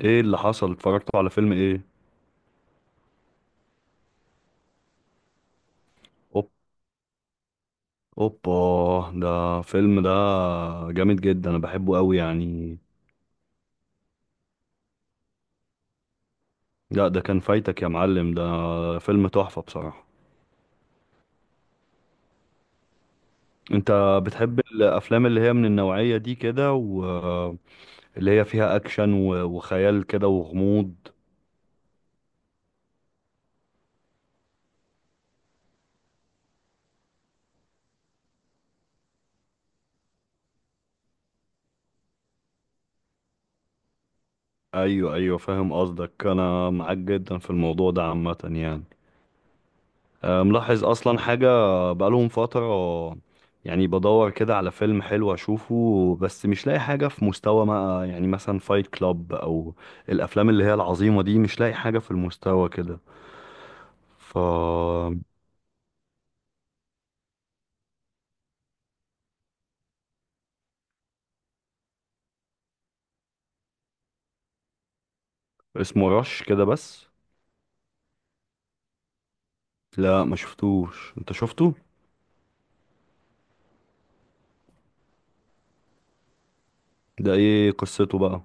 ايه اللي حصل؟ اتفرجتوا على فيلم ايه؟ اوب اوبا. ده فيلم ده. جامد جدا، انا بحبه قوي يعني. لا ده كان فايتك يا معلم. ده فيلم تحفة بصراحة. انت بتحب الافلام اللي هي من النوعية دي كده، واللي هي فيها اكشن و- وخيال كده وغموض؟ ايوه ايوه، فاهم قصدك. انا معاك جدا في الموضوع ده عامة يعني. ملاحظ اصلا حاجة، بقالهم فترة يعني بدور كده على فيلم حلو اشوفه، بس مش لاقي حاجة في مستوى ما، يعني مثلا فايت كلاب او الافلام اللي هي العظيمة دي، مش لاقي حاجة في المستوى كده. ف اسمه رش كده بس؟ لا ما شفتوش، انت شفته؟ ده ايه قصته بقى؟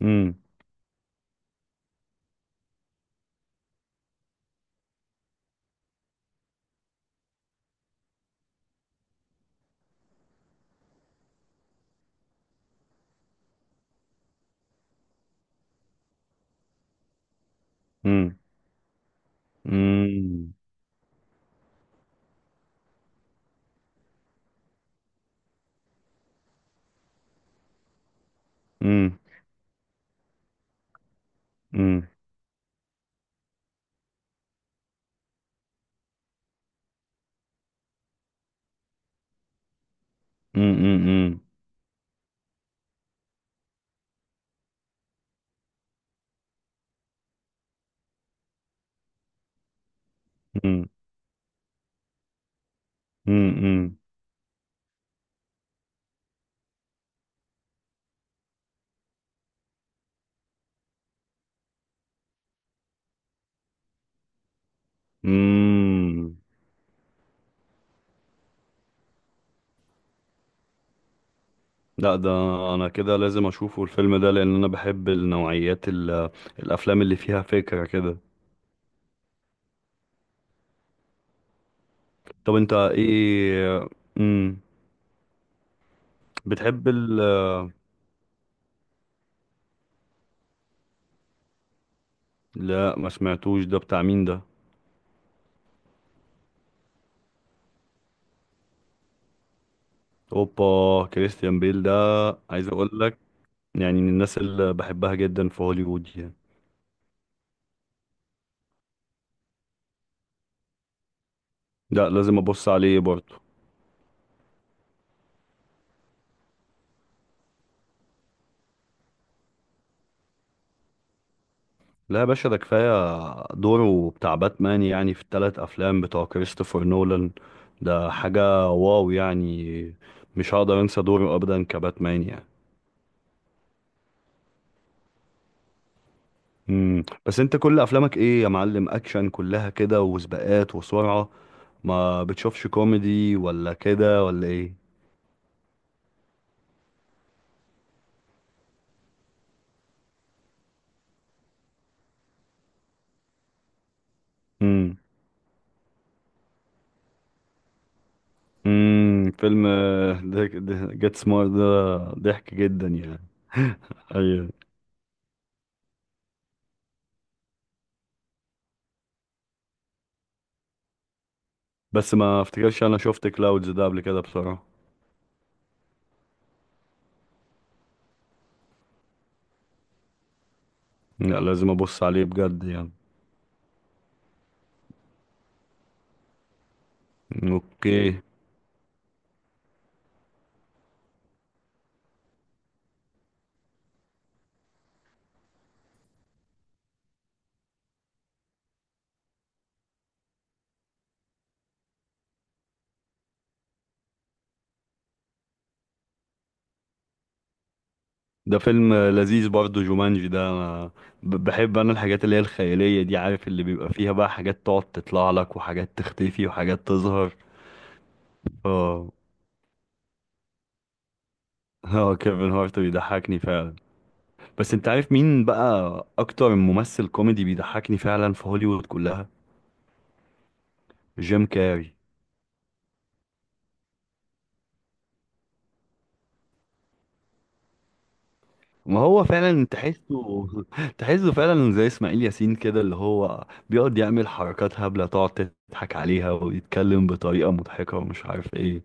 امم. امم. امم. امم. امم. امم. امم. امم. امم. لا ده انا كده لازم اشوفه الفيلم ده، لان انا بحب النوعيات الافلام اللي فيها فكرة كده. طب انت ايه؟ امم. بتحب ال لا ما سمعتوش، ده بتاع مين ده؟ اوبا، كريستيان بيل ده عايز اقول لك، يعني من الناس اللي بحبها جدا في هوليوود يعني. لا لازم ابص عليه برضه. لا يا باشا ده كفاية دوره بتاع باتمان، يعني في التلات أفلام بتوع كريستوفر نولان، ده حاجة واو يعني. مش هقدر أنسى دوره أبدا كباتمان يعني. مم. بس أنت كل أفلامك إيه يا معلم؟ أكشن كلها كده وسباقات وسرعة؟ ما بتشوفش كوميدي ولا كده ولا إيه؟ مم. مم. فيلم جيت سمارت ده ضحك جدا يعني. أيوة. بس ما افتكرش أنا شفت كلاودز ده قبل كده بصراحة. لا لازم أبص عليه بجد يعني. اوكي. ده فيلم لذيذ برضه جومانجي ده. أنا ب- بحب انا الحاجات اللي هي الخيالية دي، عارف اللي بيبقى فيها بقى حاجات تقعد تطلع لك، وحاجات تختفي، وحاجات تظهر. اه. اه كيفن هارت بيضحكني فعلا. بس انت عارف مين بقى اكتر ممثل كوميدي بيضحكني فعلا في هوليوود كلها؟ جيم كاري. ما هو فعلا تحسه تحسه فعلا زي اسماعيل ياسين كده، اللي هو بيقعد يعمل حركات هبلة تقعد تضحك عليها، ويتكلم بطريقة مضحكة ومش عارف ايه.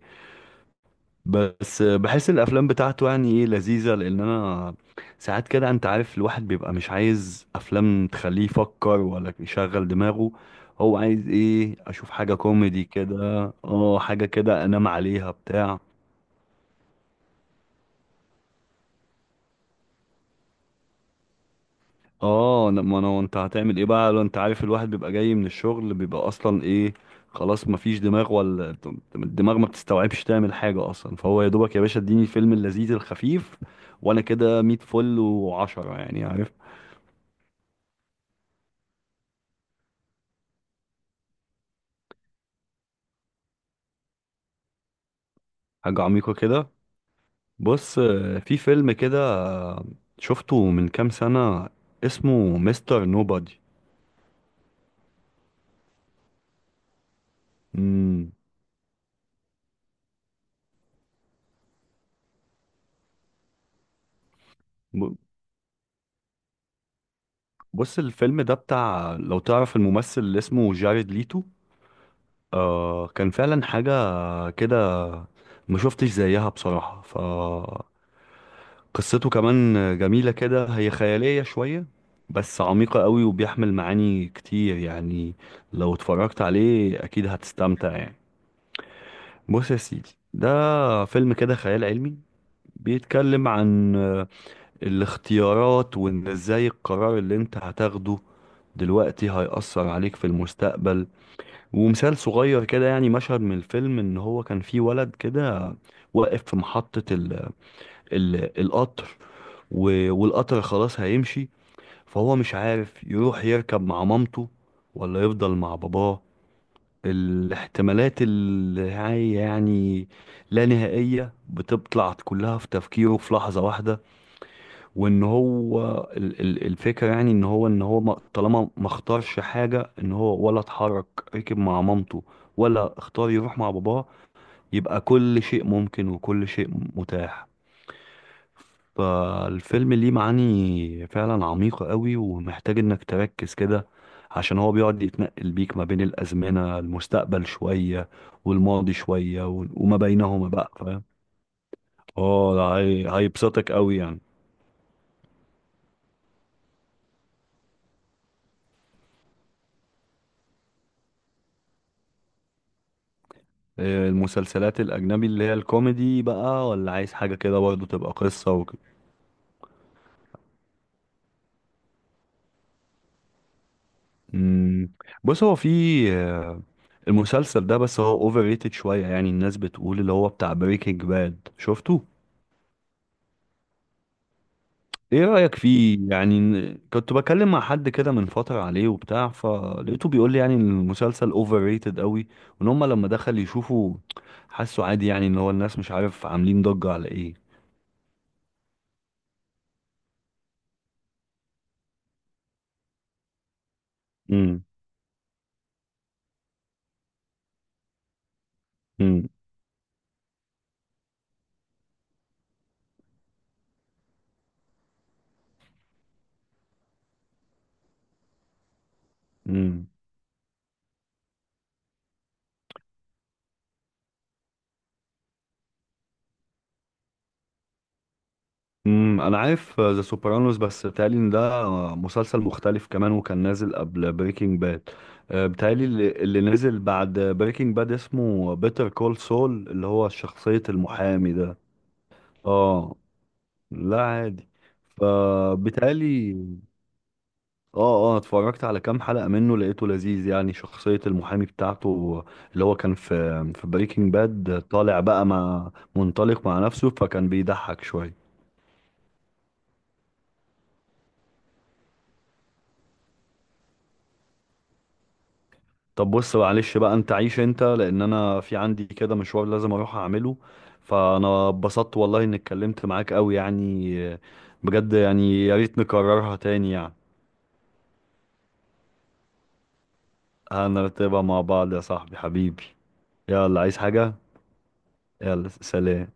بس بحس الافلام بتاعته يعني ايه، لذيذه، لان انا ساعات كده، انت عارف، الواحد بيبقى مش عايز افلام تخليه يفكر ولا يشغل دماغه. هو عايز ايه؟ اشوف حاجه كوميدي كده، اه حاجه كده انام عليها بتاع. اه، ما انا انت هتعمل ايه بقى؟ لو انت عارف، الواحد بيبقى جاي من الشغل، بيبقى اصلا ايه، خلاص مفيش دماغ، ولا الدماغ ما بتستوعبش تعمل حاجه اصلا. فهو يا دوبك يا باشا، اديني الفيلم اللذيذ الخفيف وانا كده 100 فل وعشرة يعني، عارف. حاجة عميقة كده. بص، في فيلم كده، شفته من كام سنة، اسمه مستر نوبادي. مم. ب- بص الفيلم ده بتاع، لو تعرف الممثل اللي اسمه جاريد ليتو. كان فعلا حاجة كده ما شفتش زيها بصراحة. فقصته كمان جميلة كده، هي خيالية شوية بس عميقة قوي، وبيحمل معاني كتير يعني. لو اتفرجت عليه أكيد هتستمتع يعني. بص يا سيدي، ده فيلم كده خيال علمي، بيتكلم عن الاختيارات، وان ازاي القرار اللي انت هتاخده دلوقتي هيأثر عليك في المستقبل. ومثال صغير كده، يعني مشهد من الفيلم، ان هو كان في ولد كده واقف في محطة القطر، و- والقطر خلاص هيمشي، فهو مش عارف يروح يركب مع مامته ولا يفضل مع باباه. الاحتمالات اللي هي يعني لا نهائية، بتطلع كلها في تفكيره في لحظة واحدة. وان هو، الفكرة يعني ان هو طالما ما اختارش حاجة، ان هو ولا اتحرك، ركب مع مامته ولا اختار يروح مع باباه، يبقى كل شيء ممكن وكل شيء متاح. فالفيلم ليه معاني فعلا عميقة قوي، ومحتاج انك تركز كده، عشان هو بيقعد يتنقل بيك ما بين الأزمنة، المستقبل شوية والماضي شوية، و- وما بينهما بقى، فاهم. اه ده هي- هيبسطك قوي يعني. إيه، المسلسلات الأجنبي اللي هي الكوميدي بقى، ولا عايز حاجة كده برضه تبقى قصة وكده؟ مم. بص هو في آه، المسلسل ده، بس هو اوفر ريتد شوية يعني، الناس بتقول اللي هو بتاع بريكنج باد، شفته؟ ايه رأيك فيه يعني؟ كنت بكلم مع حد كده من فترة عليه وبتاع، فلقيته بيقول لي يعني ان المسلسل اوفر ريتد قوي، وان هم لما دخل يشوفوا حسوا عادي يعني، ان هو الناس مش عارف عاملين ضجة على ايه. امم. امم. امم. انا عارف ذا سوبرانوس، بس بيتهيألي ان ده مسلسل مختلف كمان، وكان نازل قبل بريكنج باد. بيتهيألي اللي نزل بعد بريكنج باد اسمه بيتر كول سول، اللي هو شخصية المحامي ده. اه. لا عادي. فبالتالي، اه اه اتفرجت على كام حلقة منه، لقيته لذيذ يعني، شخصية المحامي بتاعته اللي هو كان في بريكنج باد، طالع بقى مع منطلق مع نفسه، فكان بيضحك شوية. طب بص معلش بقى، انت عيش انت، لان انا في عندي كده مشوار لازم اروح اعمله. فانا اتبسطت والله اني اتكلمت معاك قوي يعني، بجد يعني، يا ريت نكررها تاني يعني. هنرتبها مع بعض يا صاحبي حبيبي. يلا، عايز حاجة؟ يلا سلام.